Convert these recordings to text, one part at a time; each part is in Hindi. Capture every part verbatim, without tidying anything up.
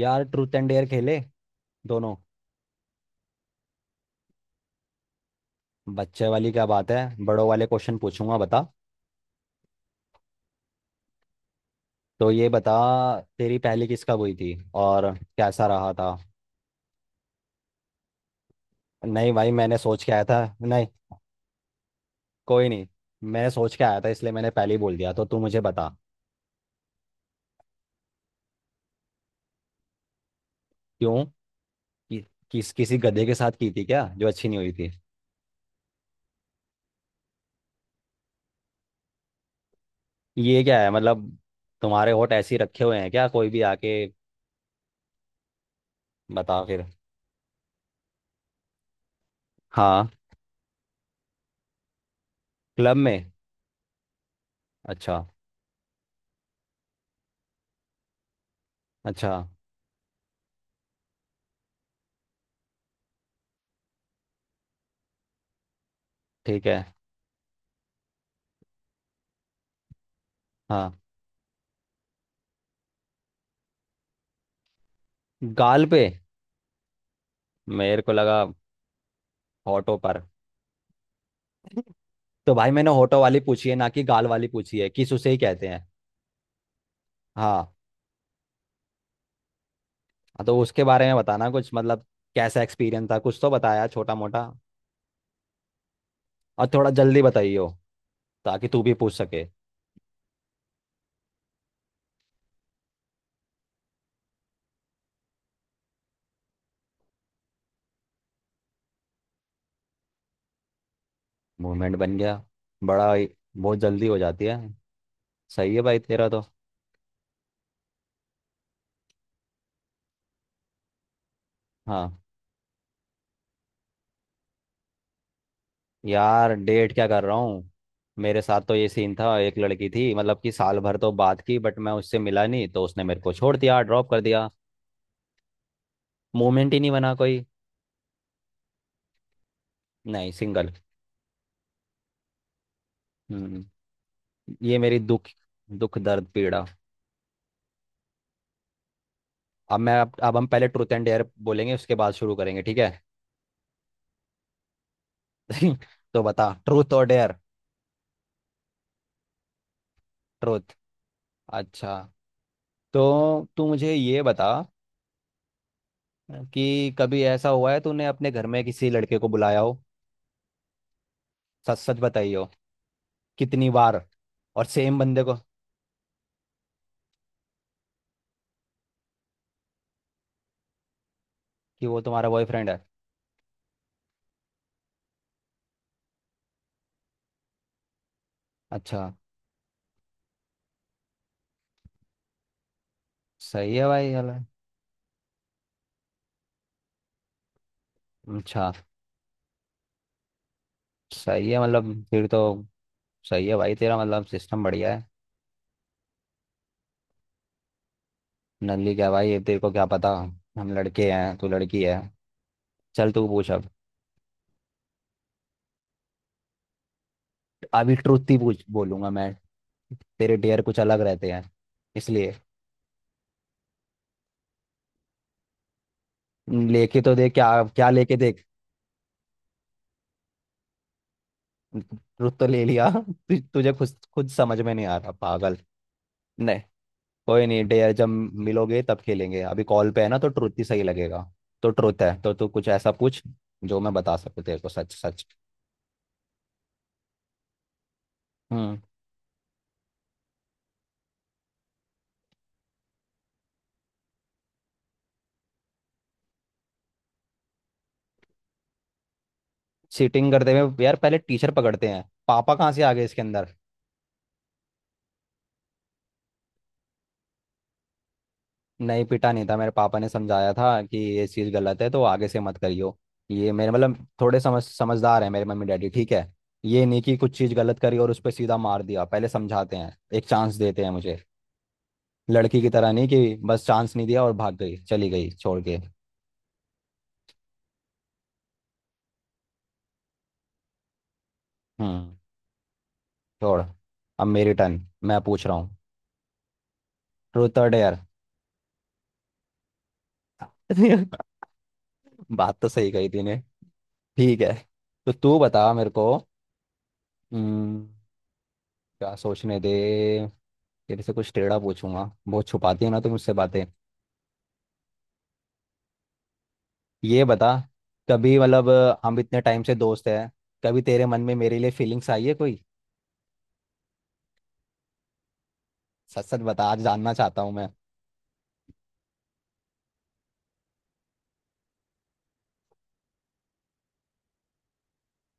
यार ट्रूथ एंड डेयर खेले। दोनों। बच्चे वाली क्या बात है। बड़ों वाले क्वेश्चन पूछूंगा, बता। तो ये बता, तेरी पहली किस कब हुई थी और कैसा रहा था। नहीं भाई, मैंने सोच के आया था नहीं। कोई नहीं, मैंने सोच के आया था इसलिए मैंने पहले ही बोल दिया। तो तू मुझे बता। क्यों? कि, किस किसी गधे के साथ की थी क्या जो अच्छी नहीं हुई थी। ये क्या है मतलब, तुम्हारे होठ ऐसे ही रखे हुए हैं क्या, कोई भी आके? बता फिर। हाँ। क्लब में? अच्छा। अच्छा। ठीक है। हाँ। गाल पे? मेरे को लगा होटो पर। तो भाई मैंने होटो वाली पूछी है ना कि गाल वाली पूछी है, किस उसे ही कहते हैं। हाँ। हाँ, तो उसके बारे में बताना कुछ, मतलब कैसा एक्सपीरियंस था, कुछ तो बताया छोटा मोटा। और थोड़ा जल्दी बताइयो, ताकि तू भी पूछ सके। मूवमेंट बन गया। बड़ा ही- बहुत जल्दी हो जाती है। सही है भाई तेरा तो। हाँ। यार डेट क्या कर रहा हूँ। मेरे साथ तो ये सीन था, एक लड़की थी, मतलब कि साल भर तो बात की बट मैं उससे मिला नहीं, तो उसने मेरे को छोड़ दिया, ड्रॉप कर दिया। मूवमेंट ही नहीं बना कोई। नहीं, सिंगल। हम्म। ये मेरी दुख, दुख दर्द पीड़ा। अब मैं अब, अब हम पहले ट्रूथ एंड डेयर बोलेंगे, उसके बाद शुरू करेंगे, ठीक है। तो बता, ट्रूथ और डेयर। ट्रूथ। अच्छा। तो तू मुझे ये बता, कि कभी ऐसा हुआ है तूने अपने घर में किसी लड़के को बुलाया हो, सच सच बताई हो। कितनी बार? और सेम बंदे को? कि वो तुम्हारा बॉयफ्रेंड है? अच्छा। सही है भाई यार। अच्छा। सही है, मतलब फिर तो सही है भाई तेरा, मतलब सिस्टम बढ़िया है। नल्ली क्या भाई, ये तेरे को क्या पता। हम लड़के हैं, तू लड़की है। चल तू पूछ अब। अभी ट्रुथ ही पूछ, बोलूंगा मैं, तेरे डेयर कुछ अलग रहते हैं। इसलिए। लेके तो देख क्या? क्या लेके देख? ट्रुथ तो ले लिया तु, तुझे खुद खुद समझ में नहीं आ रहा पागल। नहीं। कोई नहीं, डेयर जब मिलोगे तब खेलेंगे, अभी कॉल पे है ना तो ट्रुथ ही सही लगेगा। तो ट्रुथ है तो तू कुछ ऐसा पूछ जो मैं बता सकूं तेरे को सच सच। हम्म। चीटिंग करते हुए? यार पहले टीचर पकड़ते हैं, पापा कहाँ से आ गए इसके अंदर। नहीं पिटा नहीं था, मेरे पापा ने समझाया था कि ये चीज़ गलत है तो आगे से मत करियो। ये मेरे मतलब थोड़े समझ समझदार है मेरे मम्मी डैडी, ठीक है। ये नहीं कि कुछ चीज़ गलत करी और उस पर सीधा मार दिया, पहले समझाते हैं, एक चांस देते हैं मुझे। लड़की की तरह नहीं कि बस चांस नहीं दिया और भाग गई, चली गई छोड़ के। हम्म। छोड़। अब मेरी टर्न, मैं पूछ रहा हूँ। ट्रूथ और डेयर। बात तो सही कही तूने। ठीक है। तो तू बता मेरे को। हम्म, क्या, सोचने दे। तेरे से कुछ टेढ़ा पूछूंगा, बहुत छुपाती है ना तू मुझसे बातें। ये बता, कभी मतलब अ, हम इतने टाइम से दोस्त हैं, कभी तेरे मन में मेरे लिए फीलिंग्स आई है कोई? सच सच बता, आज जानना चाहता हूँ मैं।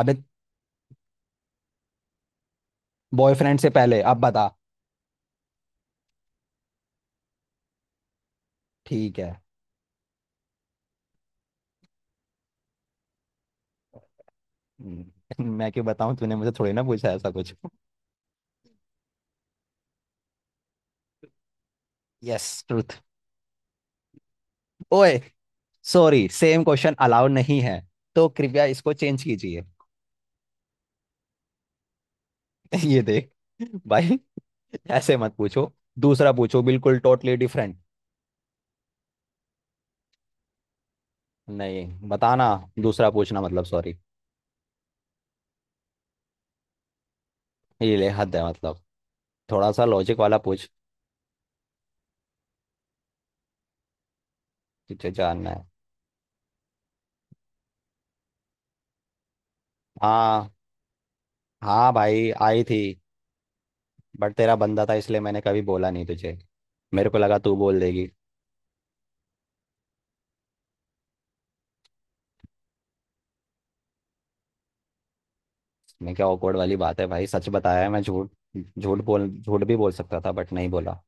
अबे, बॉयफ्रेंड से पहले, अब बता। ठीक है। हम्म, मैं क्यों बताऊँ, तूने मुझे थोड़ी ना पूछा ऐसा कुछ। Yes, truth. ओए, सॉरी, सेम क्वेश्चन अलाउड नहीं है, तो कृपया इसको चेंज कीजिए। ये देख, भाई ऐसे मत पूछो, दूसरा पूछो, बिल्कुल टोटली डिफरेंट। नहीं बताना, दूसरा पूछना, मतलब सॉरी। ये ले, हद है मतलब। थोड़ा सा लॉजिक वाला पूछ। तुझे जानना है? हाँ। हाँ भाई आई थी, बट तेरा बंदा था इसलिए मैंने कभी बोला नहीं तुझे, मेरे को लगा तू बोल देगी। मैं क्या awkward वाली बात है भाई, सच बताया है, मैं झूठ, झूठ बोल, झूठ भी बोल सकता था बट नहीं बोला।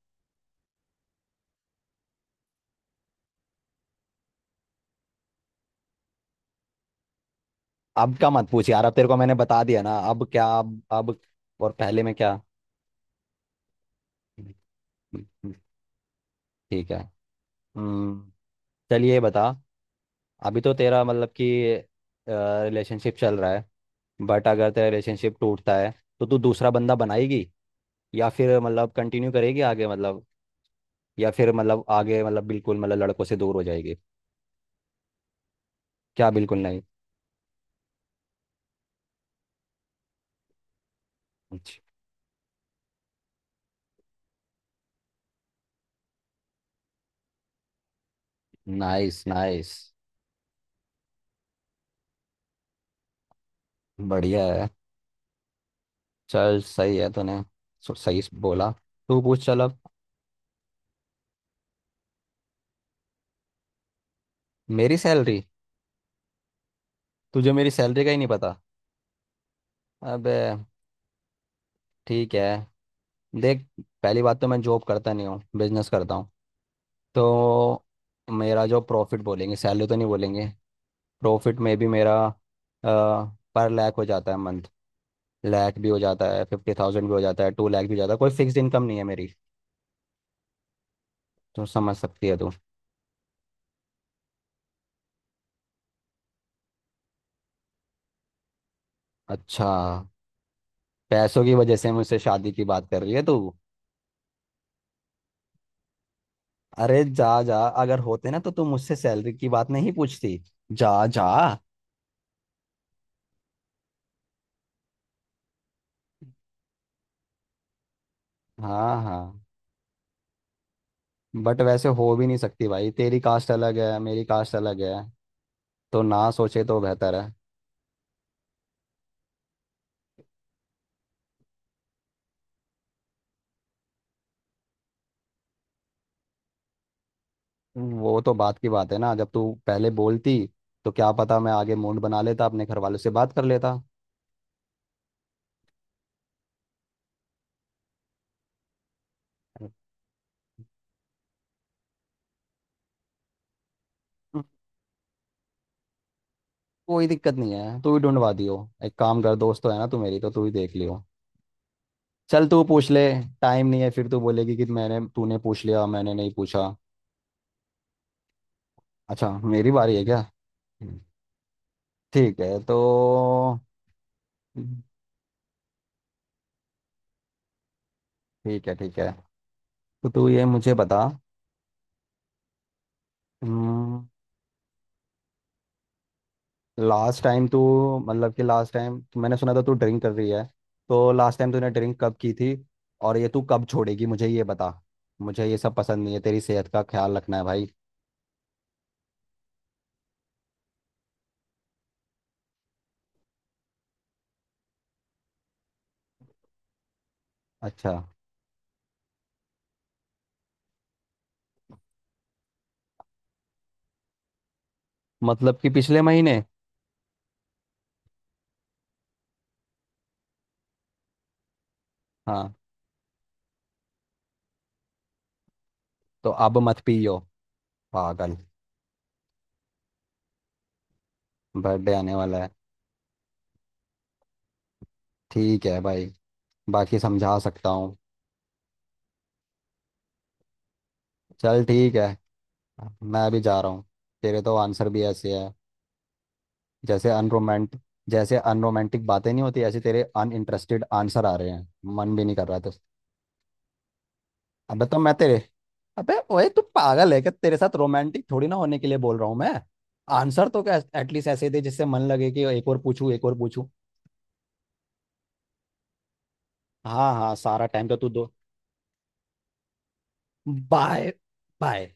अब का मत पूछ यार, अब तेरे को मैंने बता दिया ना, अब क्या अब अब और पहले में क्या। ठीक है। हम्म। चलिए ये बता, अभी तो तेरा मतलब कि रिलेशनशिप चल रहा है, बट अगर तेरा रिलेशनशिप टूटता है, तो तू दूसरा बंदा बनाएगी, या फिर मतलब कंटिन्यू करेगी आगे, मतलब, या फिर मतलब आगे मतलब बिल्कुल मतलब लड़कों से दूर हो जाएगी। क्या बिल्कुल नहीं? अच्छा। Nice nice. बढ़िया है, चल सही है तूने, सो- सही बोला। तू पूछ चल अब। मेरी सैलरी? तुझे मेरी सैलरी का ही नहीं पता? अबे। ठीक है, देख, पहली बात तो मैं जॉब करता नहीं हूँ, बिजनेस करता हूँ, तो मेरा जो प्रॉफिट बोलेंगे, सैलरी तो नहीं बोलेंगे। प्रॉफिट में भी मेरा पर लैक हो जाता है मंथ, लैक भी हो जाता है, फिफ्टी थाउजेंड भी हो जाता है, टू लैक भी हो जाता है, कोई फिक्स्ड इनकम नहीं है मेरी। तो समझ सकती है तू। अच्छा, पैसों की वजह से मुझसे शादी की बात कर रही है तू? अरे जा जा, अगर होते ना तो तू मुझसे सैलरी की बात नहीं पूछती। जा जा। हाँ हाँ। बट वैसे हो भी नहीं सकती भाई, तेरी कास्ट अलग है, मेरी कास्ट अलग है, तो ना सोचे तो बेहतर है। वो तो बात की बात है ना, जब तू पहले बोलती तो क्या पता मैं आगे मूड बना लेता, अपने घर वालों से बात कर लेता। कोई दिक्कत नहीं है, तू ही ढूंढवा दियो। एक काम कर, दोस्त तो है ना तू मेरी, तो तू ही देख लियो। चल तू पूछ ले, टाइम नहीं है, फिर तू बोलेगी कि मैंने, तूने पूछ लिया मैंने नहीं पूछा। अच्छा मेरी बारी है क्या? ठीक है तो। ठीक है, ठीक है। तो तू ये मुझे बता। हम्म, लास्ट टाइम तू, मतलब कि लास्ट टाइम तो मैंने सुना था तू ड्रिंक कर रही है, तो लास्ट टाइम तूने ड्रिंक कब की थी, और ये तू कब छोड़ेगी मुझे ये बता, मुझे ये सब पसंद नहीं है, तेरी सेहत का ख्याल रखना है भाई। अच्छा। मतलब कि पिछले महीने? हाँ, तो अब मत पियो पागल। बर्थडे आने वाला है? ठीक है भाई, बाकी समझा सकता हूँ। चल ठीक है। मैं भी जा रहा हूँ। तेरे तो आंसर भी ऐसे है जैसे अनरोमांट जैसे अनरोमांटिक बातें नहीं होती, ऐसे तेरे अनइंटरेस्टेड आंसर आ रहे हैं, मन भी नहीं कर रहा था। अबे तो मैं तेरे अबे ओए तू पागल है क्या, तेरे साथ रोमांटिक थोड़ी ना होने के लिए बोल रहा हूँ मैं। आंसर तो क्या एटलीस्ट ऐसे दे जिससे मन लगे कि एक और पूछूं एक और पूछूं हाँ हाँ, सारा टाइम तो तू दो। बाय। बाय।